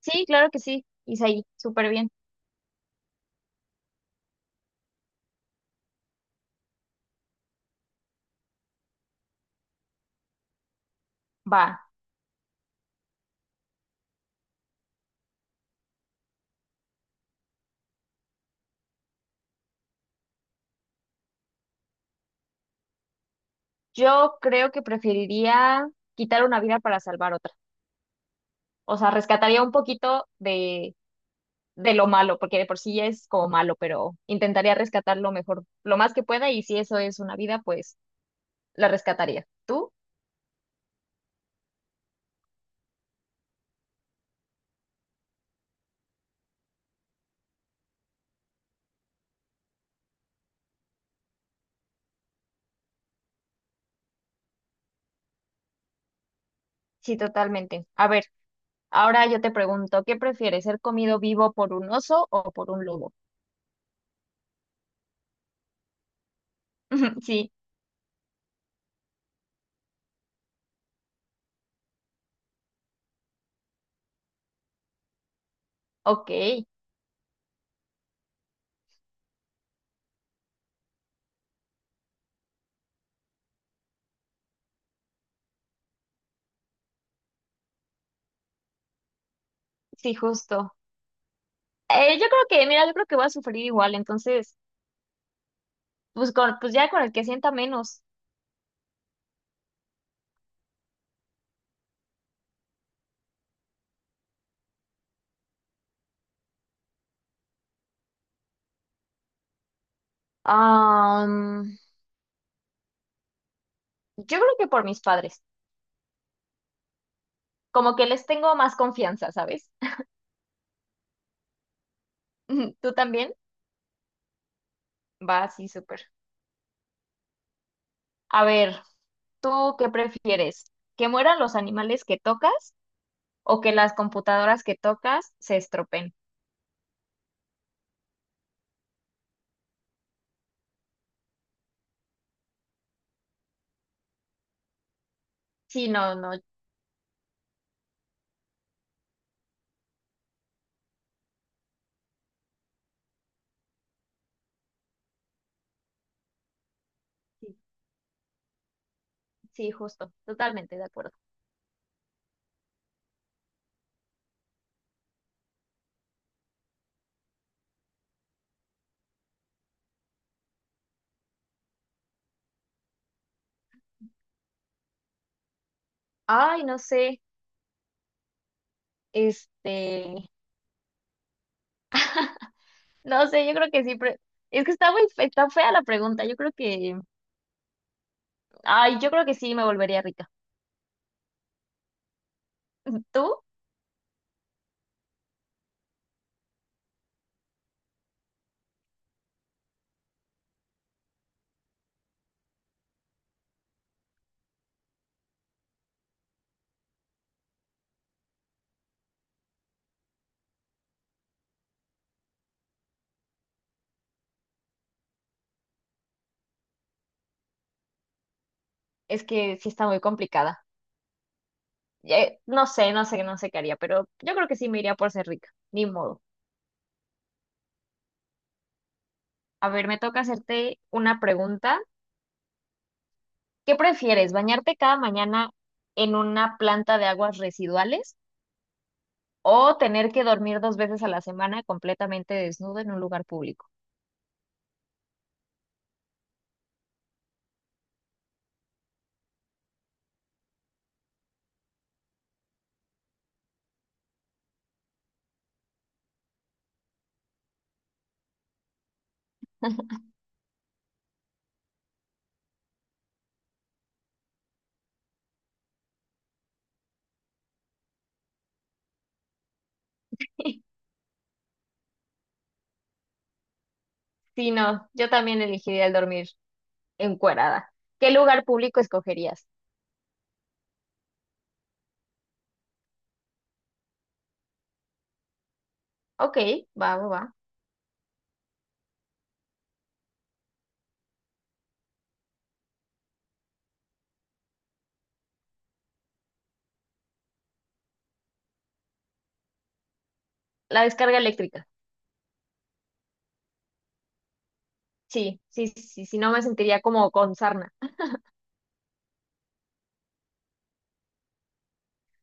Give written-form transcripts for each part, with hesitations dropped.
Sí, claro que sí, Isaí, súper bien. Va, yo creo que preferiría quitar una vida para salvar otra. O sea, rescataría un poquito de lo malo, porque de por sí ya es como malo, pero intentaría rescatar lo mejor, lo más que pueda, y si eso es una vida, pues la rescataría. ¿Tú? Sí, totalmente. A ver, ahora yo te pregunto, ¿qué prefieres, ser comido vivo por un oso o por un lobo? Sí, ok, sí, justo. Yo creo que, mira, yo creo que voy a sufrir igual, entonces... Pues, pues ya con el que sienta menos. Am, yo creo que por mis padres. Como que les tengo más confianza, ¿sabes? ¿Tú también? Va, sí, súper. A ver, ¿tú qué prefieres? ¿Que mueran los animales que tocas o que las computadoras que tocas se estropeen? Sí, no, no. Sí, sí, justo. Totalmente de acuerdo. Ay, no sé. Este, no sé, yo creo que sí. pre- Es que está muy fe- está fea la pregunta. Yo creo que, ay, yo creo que sí me volvería rica. ¿Tú? Es que sí está muy complicada. No sé, no sé, no sé qué haría, pero yo creo que sí me iría por ser rica. Ni modo. A ver, me toca hacerte una pregunta. ¿Qué prefieres, bañarte cada mañana en una planta de aguas residuales o tener que dormir dos veces a la semana completamente desnudo en un lugar público? Sí, no, yo también elegiría el dormir encuerada. ¿Qué lugar público escogerías? Ok, va, va, va. La descarga eléctrica. Sí, sí, sí, sí, no me sentiría como con sarna.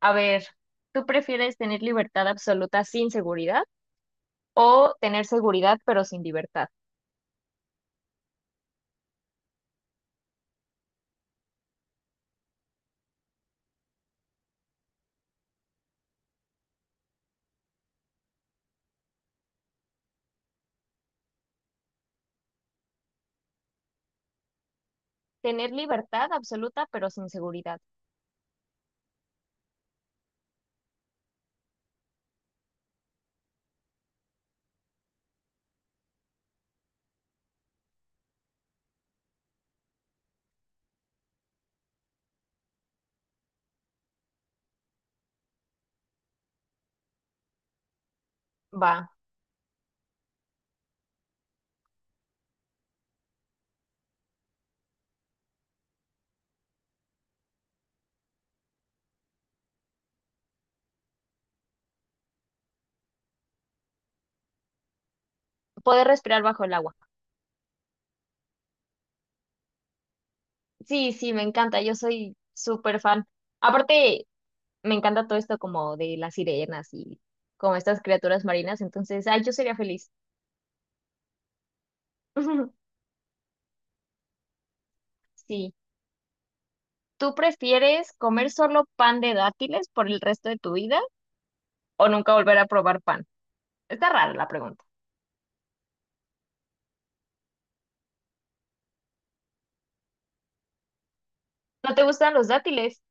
A ver, ¿tú prefieres tener libertad absoluta sin seguridad o tener seguridad pero sin libertad? Tener libertad absoluta pero sin seguridad. Va, poder respirar bajo el agua. Sí, sí, me encanta, yo soy súper fan. Aparte, me encanta todo esto como de las sirenas y como estas criaturas marinas, entonces, ay, yo sería feliz. Sí. ¿Tú prefieres comer solo pan de dátiles por el resto de tu vida o nunca volver a probar pan? Está rara la pregunta. ¿No te gustan los dátiles?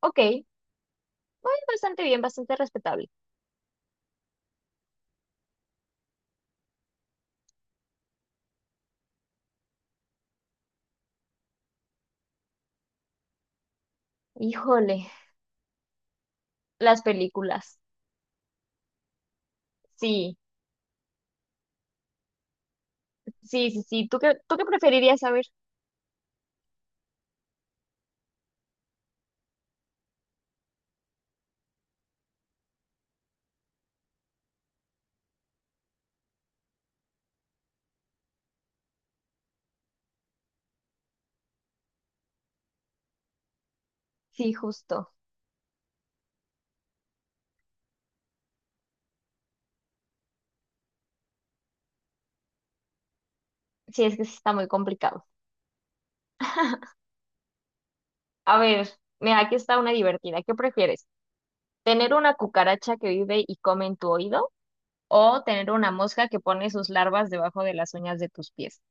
Ok, bueno, bastante bien, bastante respetable. Híjole, las películas. Sí, sí, sí, sí. Tú qué preferirías saber? Sí, justo. Sí, es que sí está muy complicado. A ver, mira, aquí está una divertida. ¿Qué prefieres? ¿Tener una cucaracha que vive y come en tu oído? ¿O tener una mosca que pone sus larvas debajo de las uñas de tus pies?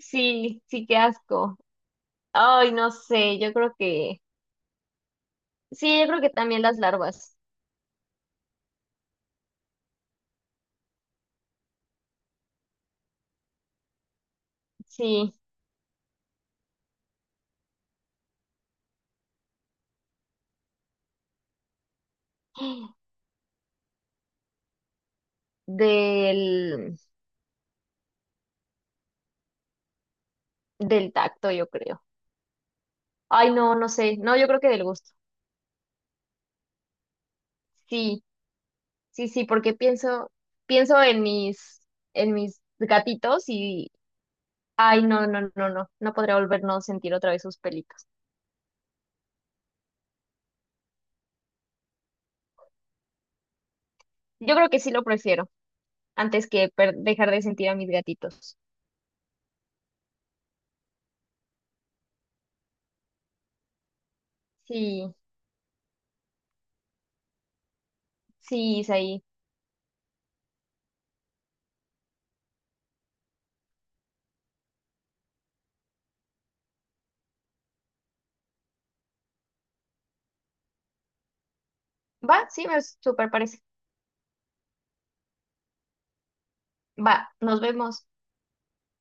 Sí, sí, qué asco. Ay, no sé, yo creo que... Sí, yo creo que también las larvas. Sí, del, del tacto, yo creo. Ay, no, no sé. No, yo creo que del gusto. Sí, sí, sí, porque pienso, pienso en en mis gatitos y, ay, no, no, no, no, no podría volvernos a sentir otra vez sus pelitos. Yo creo que sí lo prefiero antes que per- dejar de sentir a mis gatitos. Sí, sí, Isaí. Va, sí, me súper parece. Va, nos vemos.